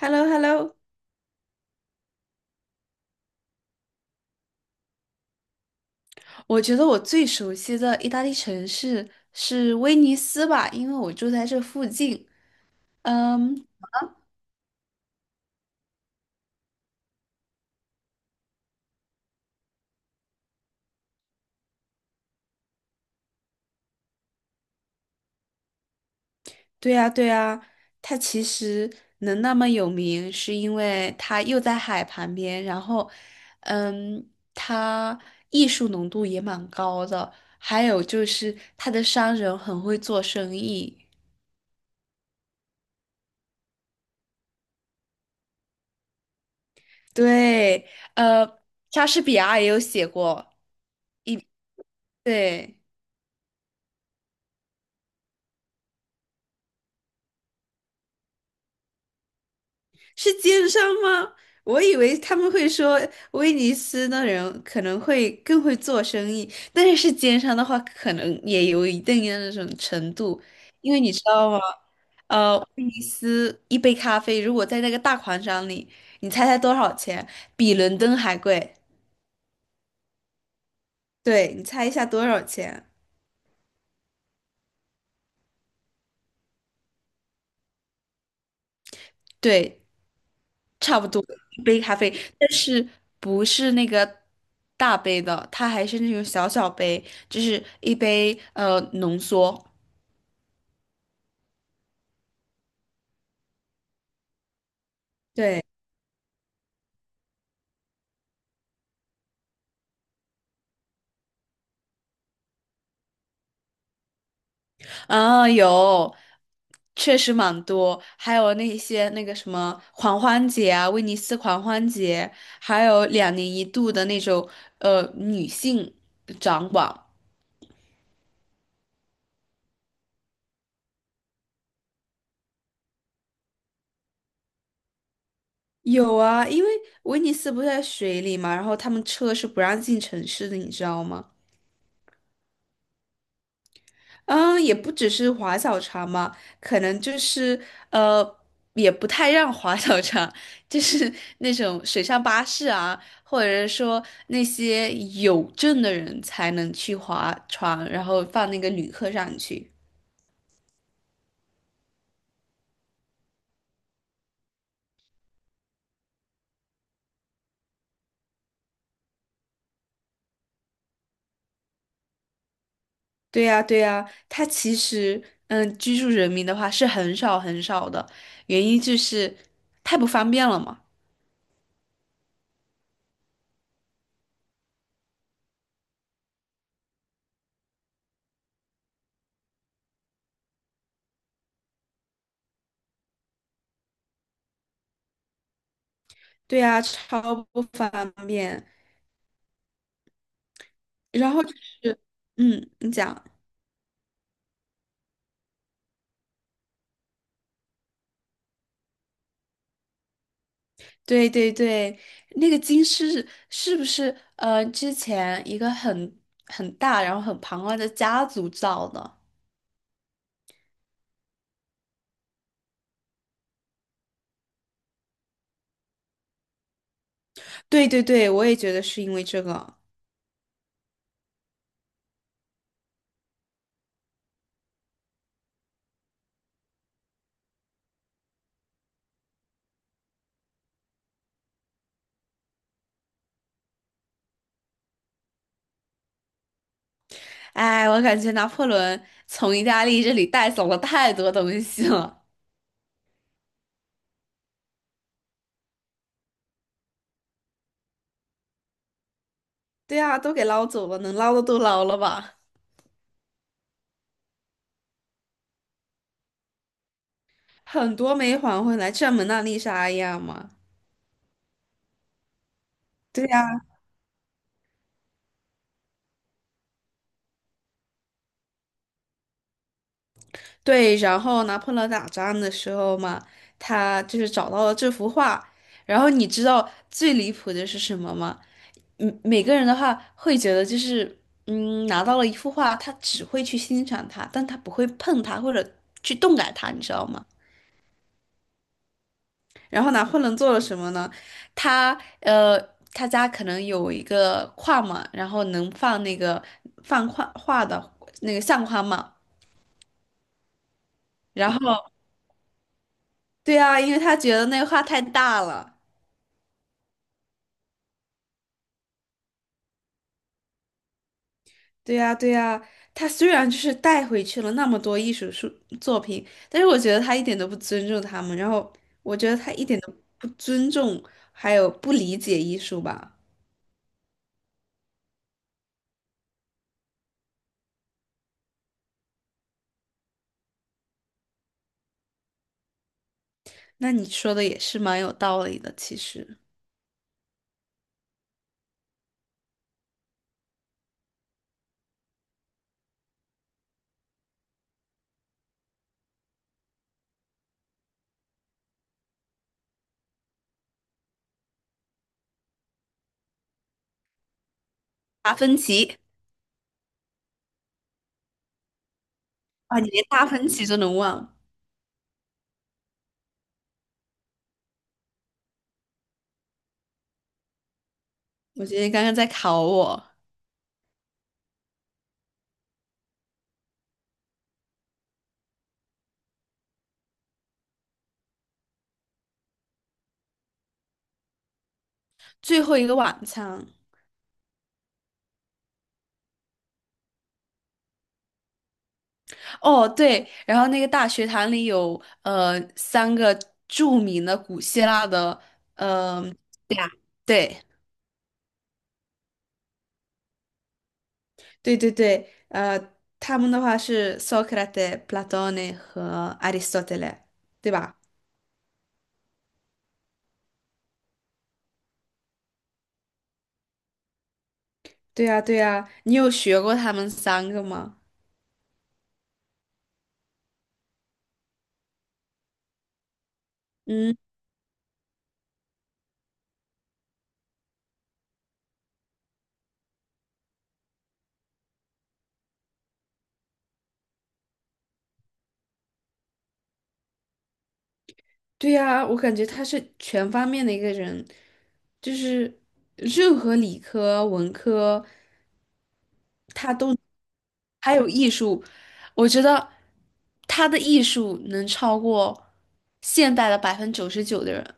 h e l l o h e l l o 我觉得我最熟悉的意大利城市是威尼斯吧，因为我住在这附近。嗯，对呀，对呀，它其实能那么有名，是因为它又在海旁边，然后，嗯，它艺术浓度也蛮高的，还有就是它的商人很会做生意。对，呃，莎士比亚也有写过一，对。是奸商吗？我以为他们会说威尼斯的人可能会更会做生意，但是是奸商的话，可能也有一定的那种程度，因为你知道吗？威尼斯一杯咖啡如果在那个大广场里，你猜猜多少钱？比伦敦还贵。对，你猜一下多少钱？对，差不多一杯咖啡，但是不是那个大杯的，它还是那种小小杯，就是一杯浓缩。对，啊，有，确实蛮多，还有那些那个什么狂欢节啊，威尼斯狂欢节，还有两年一度的那种女性掌管。有啊，因为威尼斯不是在水里嘛，然后他们车是不让进城市的，你知道吗？嗯，也不只是划小船嘛，可能就是呃，也不太让划小船，就是那种水上巴士啊，或者是说那些有证的人才能去划船，然后放那个旅客上去。对呀，对呀，它其实嗯，居住人民的话是很少很少的，原因就是太不方便了嘛。对呀，超不方便。然后就是，嗯，你讲。对对对，那个金狮是不是之前一个很大然后很庞大的家族造的？对对对，我也觉得是因为这个。哎，我感觉拿破仑从意大利这里带走了太多东西了。对啊，都给捞走了，能捞的都捞了吧？很多没还回来，这蒙娜丽莎一样嘛。对呀。对，然后拿破仑打仗的时候嘛，他就是找到了这幅画。然后你知道最离谱的是什么吗？嗯，每个人的话会觉得就是，嗯，拿到了一幅画，他只会去欣赏它，但他不会碰它或者去动感它，你知道吗？然后拿破仑做了什么呢？他呃，他家可能有一个框嘛，然后能放那个放画画的那个相框嘛。然后，对啊，因为他觉得那个画太大了。对呀，对呀，他虽然就是带回去了那么多艺术书作品，但是我觉得他一点都不尊重他们，然后我觉得他一点都不尊重，还有不理解艺术吧。那你说的也是蛮有道理的，其实。达芬奇啊，你连达芬奇都能忘，我觉得你刚刚在考我。最后一个晚餐，哦对，然后那个大学堂里有三个著名的古希腊的，对啊。对对,他们的话是 Socrates、Plat 和 Aristotle,对吧？对呀，对呀，你有学过他们三个吗？嗯，对呀，我感觉他是全方面的一个人，就是任何理科、文科，还有艺术，我觉得他的艺术能超过现代的99%的人。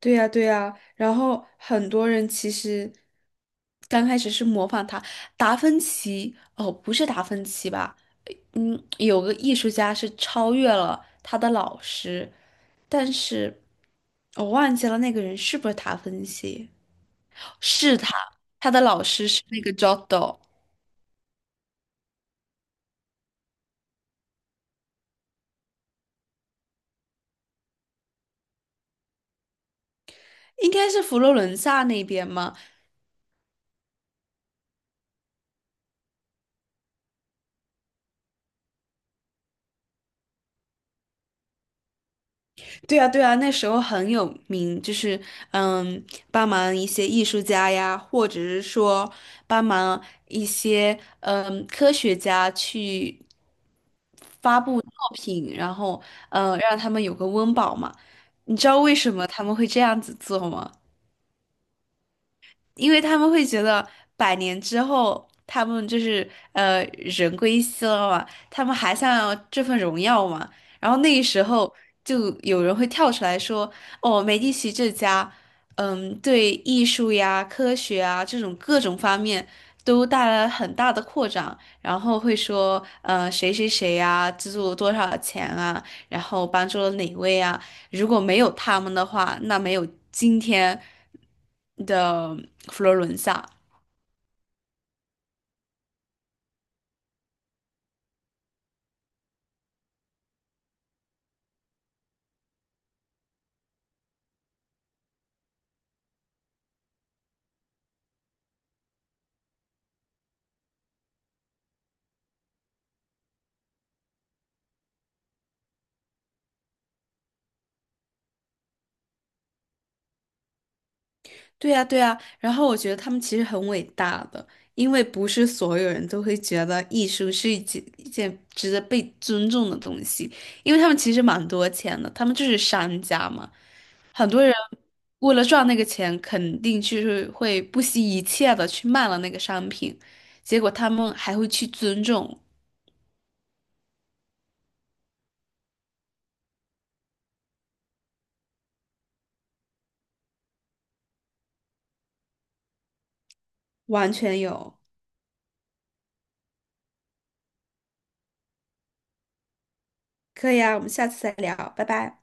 对呀，对呀，然后很多人其实刚开始是模仿他，达芬奇，哦，不是达芬奇吧？嗯，有个艺术家是超越了他的老师，但是我忘记了那个人是不是达芬奇？是他，他的老师是那个 Giotto,应该是佛罗伦萨那边吗？对啊，对啊，那时候很有名，就是嗯，帮忙一些艺术家呀，或者是说帮忙一些嗯科学家去作品，然后嗯，让他们有个温饱嘛。你知道为什么他们会这样子做吗？因为他们会觉得百年之后，他们就是人归西了嘛，他们还想要这份荣耀嘛。然后那个时候就有人会跳出来说："哦，美第奇这家，嗯，对艺术呀、科学啊这种各种方面都带来了很大的扩张。"然后会说："谁谁谁呀，资助了多少钱啊，然后帮助了哪位啊。"如果没有他们的话，那没有今天的佛罗伦萨。对呀，对呀。然后我觉得他们其实很伟大的，因为不是所有人都会觉得艺术是一件值得被尊重的东西，因为他们其实蛮多钱的，他们就是商家嘛。很多人为了赚那个钱，肯定就是会不惜一切的去卖了那个商品，结果他们还会去尊重，完全有。可以啊，我们下次再聊，拜拜。